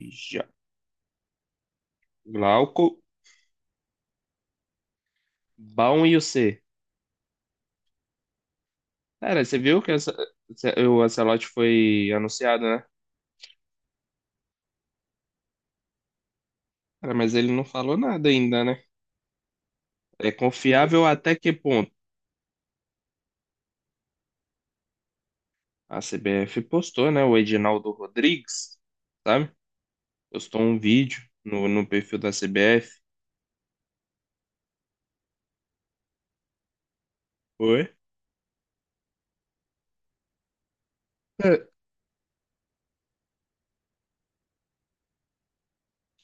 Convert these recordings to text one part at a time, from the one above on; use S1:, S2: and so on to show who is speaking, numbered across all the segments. S1: Já. Glauco, Baum e o C. Cara, você viu que o Ancelotti foi anunciado, né? Cara, mas ele não falou nada ainda, né? É confiável até que ponto? A CBF postou, né? O Edinaldo Rodrigues, sabe? Postou um vídeo no perfil da CBF. Foi? É.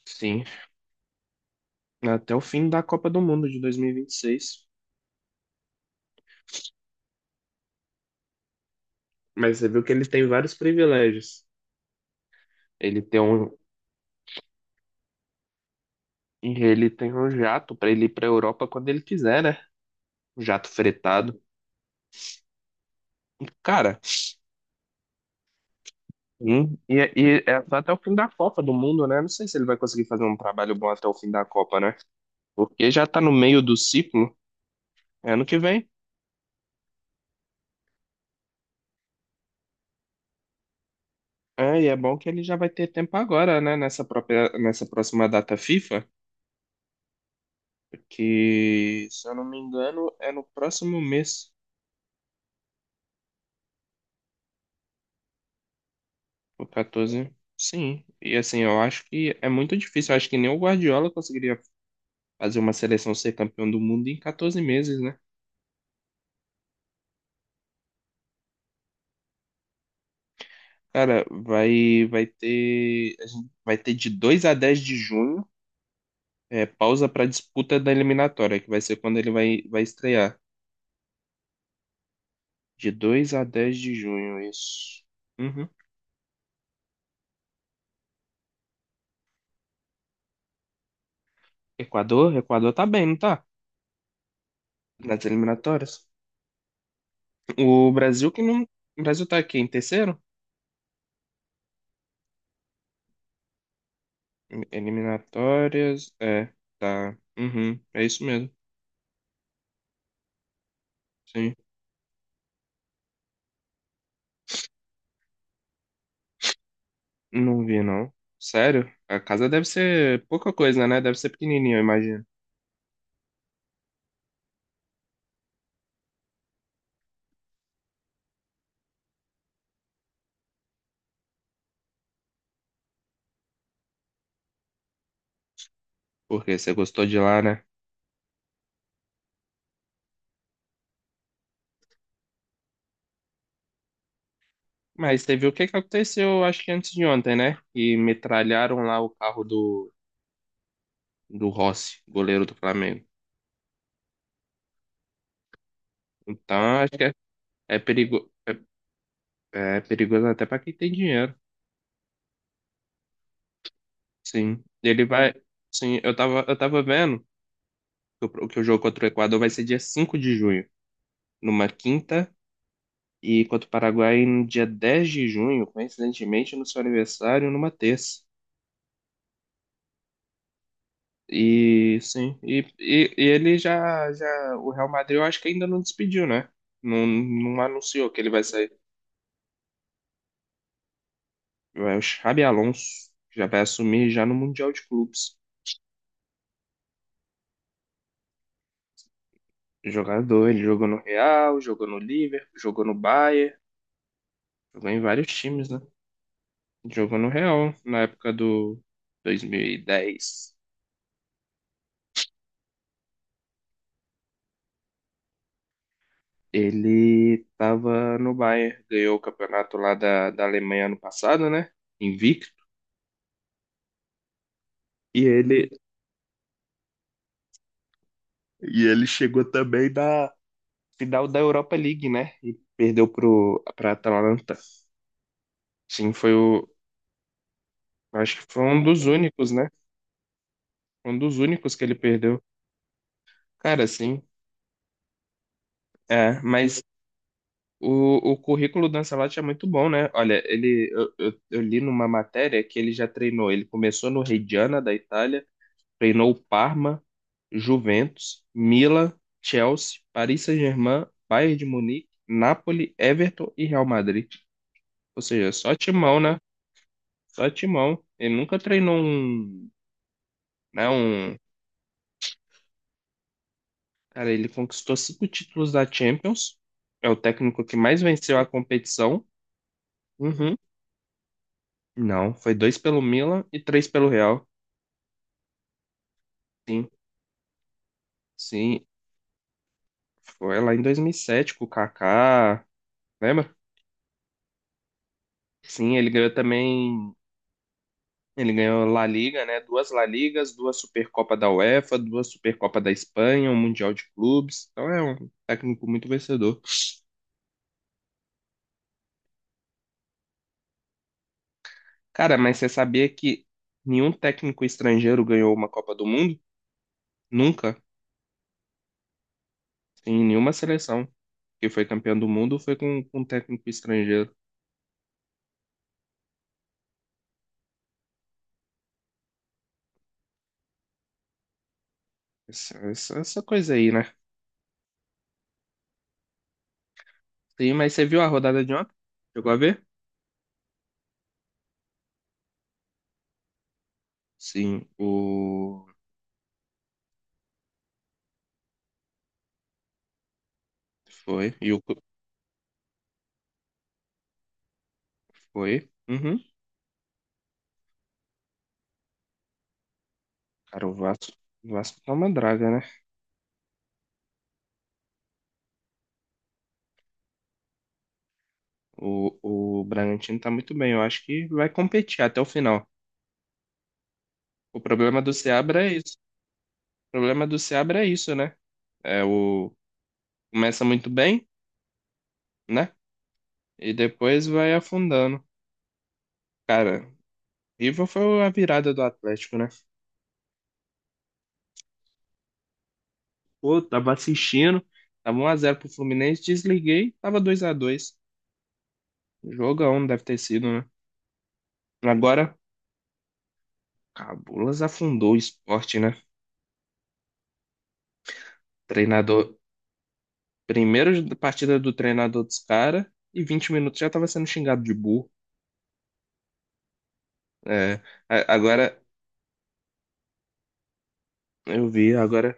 S1: Sim, até o fim da Copa do Mundo de dois mil e vinte e seis. Mas você viu que ele tem vários privilégios. Ele tem um, ele tem um jato para ele ir para Europa quando ele quiser, né? Jato fretado. Cara, sim, e é só até o fim da Copa do Mundo, né? Não sei se ele vai conseguir fazer um trabalho bom até o fim da Copa, né? Porque já tá no meio do ciclo, é ano que vem. É, e é bom que ele já vai ter tempo agora, né? Nessa própria, nessa próxima data FIFA, que, se eu não me engano, é no próximo mês, o 14. Sim, e assim, eu acho que é muito difícil. Eu acho que nem o Guardiola conseguiria fazer uma seleção ser campeão do mundo em 14 meses, né? Cara, vai ter, a gente vai ter de 2 a 10 de junho, é, pausa para disputa da eliminatória, que vai ser quando ele vai estrear. De 2 a 10 de junho, isso. Uhum. Equador, Equador tá bem, não tá? Nas eliminatórias. O Brasil que não, o Brasil tá aqui em terceiro? Eliminatórias, é, tá. Uhum, é isso mesmo. Sim. Não vi, não. Sério? A casa deve ser pouca coisa, né? Deve ser pequenininha, eu imagino. Porque você gostou de lá, né? Mas teve o que que aconteceu, acho que antes de ontem, né? E metralharam lá o carro do, do Rossi, goleiro do Flamengo. Então, acho que é, perigo, é perigoso até pra quem tem dinheiro. Sim. Ele vai. Sim, eu tava vendo que o jogo contra o Equador vai ser dia 5 de junho, numa quinta, e contra o Paraguai no dia 10 de junho, coincidentemente, no seu aniversário, numa terça. E sim, e ele já, o Real Madrid eu acho que ainda não despediu, né? Não, não anunciou que ele vai sair. Vai o Xabi Alonso já vai assumir já no Mundial de Clubes. Jogador, ele jogou no Real, jogou no Liverpool, jogou no Bayern, jogou em vários times, né? Jogou no Real na época do 2010. Ele tava no Bayern, ganhou o campeonato lá da Alemanha ano passado, né? Invicto. E ele, e ele chegou também da final da Europa League, né? E perdeu pra Atalanta. Sim, foi o. Acho que foi um dos únicos, né? Um dos únicos que ele perdeu. Cara, sim. É, mas o currículo do Ancelotti é muito bom, né? Olha, eu li numa matéria que ele já treinou. Ele começou no Reggiana da Itália, treinou o Parma, Juventus, Milan, Chelsea, Paris Saint-Germain, Bayern de Munique, Napoli, Everton e Real Madrid. Ou seja, só timão, né? Só Timão. Ele nunca treinou um, né, um... Cara, ele conquistou cinco títulos da Champions. É o técnico que mais venceu a competição. Uhum. Não, foi dois pelo Milan e três pelo Real. Sim, sim. Foi lá em 2007 com o Kaká, lembra? Sim, ele ganhou também. Ele ganhou La Liga, né? Duas La Ligas, duas Supercopa da UEFA, duas Supercopa da Espanha, um Mundial de Clubes. Então é um técnico muito vencedor. Cara, mas você sabia que nenhum técnico estrangeiro ganhou uma Copa do Mundo? Nunca. Em nenhuma seleção que foi campeão do mundo foi com um técnico estrangeiro. Essa, essa coisa aí, né? Sim, mas você viu a rodada de ontem? Chegou a ver? Sim, o. Foi. E o. Foi. Uhum. Cara, o Vasco. O Vasco tá uma draga, né? O Bragantino tá muito bem. Eu acho que vai competir até o final. O problema do Seabra é isso. O problema do Seabra é isso, né? É o. Começa muito bem, né? E depois vai afundando. Cara, River foi a virada do Atlético, né? Pô, tava assistindo, tava 1-0 pro Fluminense, desliguei, tava 2-2. Jogão deve ter sido, né? Agora, Cabulas afundou o esporte, né? Treinador, primeiro partida do treinador dos caras e 20 minutos já tava sendo xingado de burro. É, agora, eu vi, agora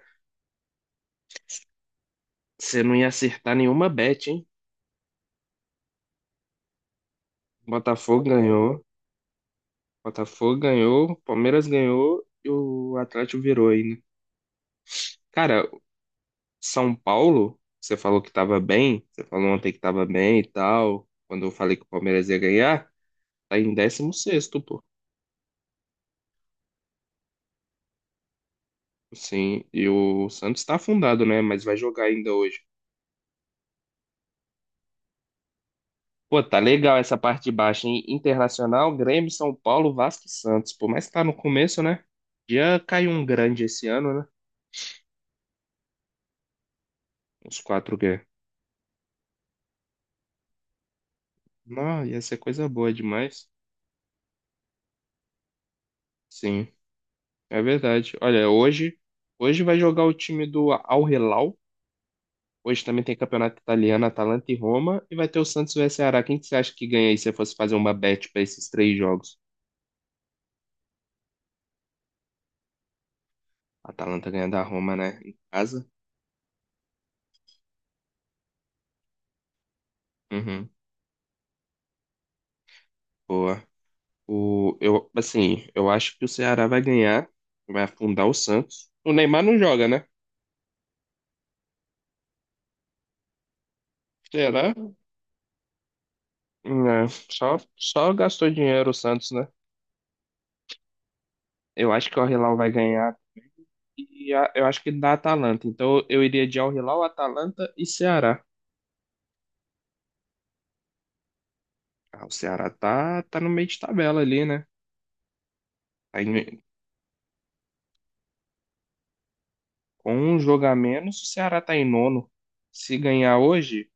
S1: você não ia acertar nenhuma bet, hein? Botafogo ganhou, Botafogo ganhou, Palmeiras ganhou e o Atlético virou aí, né? Cara, São Paulo, você falou que tava bem, você falou ontem que tava bem e tal, quando eu falei que o Palmeiras ia ganhar, tá em 16º, pô. Sim, e o Santos tá afundado, né? Mas vai jogar ainda hoje. Pô, tá legal essa parte de baixo, hein? Internacional, Grêmio, São Paulo, Vasco e Santos. Por mais que tá no começo, né? Já caiu um grande esse ano, né? Uns quatro G. Não, ia ser coisa boa demais. Sim. É verdade. Olha, hoje, hoje vai jogar o time do Al Hilal. Hoje também tem campeonato italiano, Atalanta e Roma. E vai ter o Santos vs Ceará. Quem que você acha que ganha aí se você fosse fazer uma bet para esses três jogos? A Atalanta ganha da Roma, né? Em casa? Uhum. Boa. O, eu, assim, eu acho que o Ceará vai ganhar. Vai afundar o Santos. O Neymar não joga, né? Será? Não, só gastou dinheiro o Santos, né? Eu acho que o Al Hilal vai ganhar. Eu acho que da Atalanta. Então eu iria de Al-Hilal, Atalanta e Ceará. Ah, o Ceará tá no meio de tabela ali, né? Tá em- com um jogo a menos, o Ceará tá em nono. Se ganhar hoje,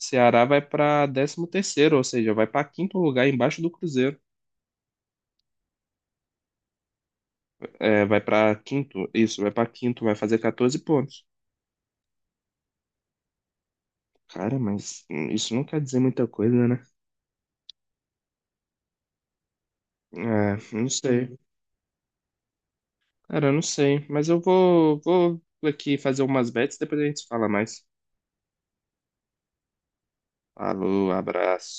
S1: o Ceará vai pra 13º, ou seja, vai pra quinto lugar embaixo do Cruzeiro. É, vai pra quinto, isso, vai pra quinto, vai fazer 14 pontos. Cara, mas isso não quer dizer muita coisa, né? É, não sei. Cara, eu não sei. Mas eu vou aqui fazer umas bets, depois a gente fala mais. Falou, abraço.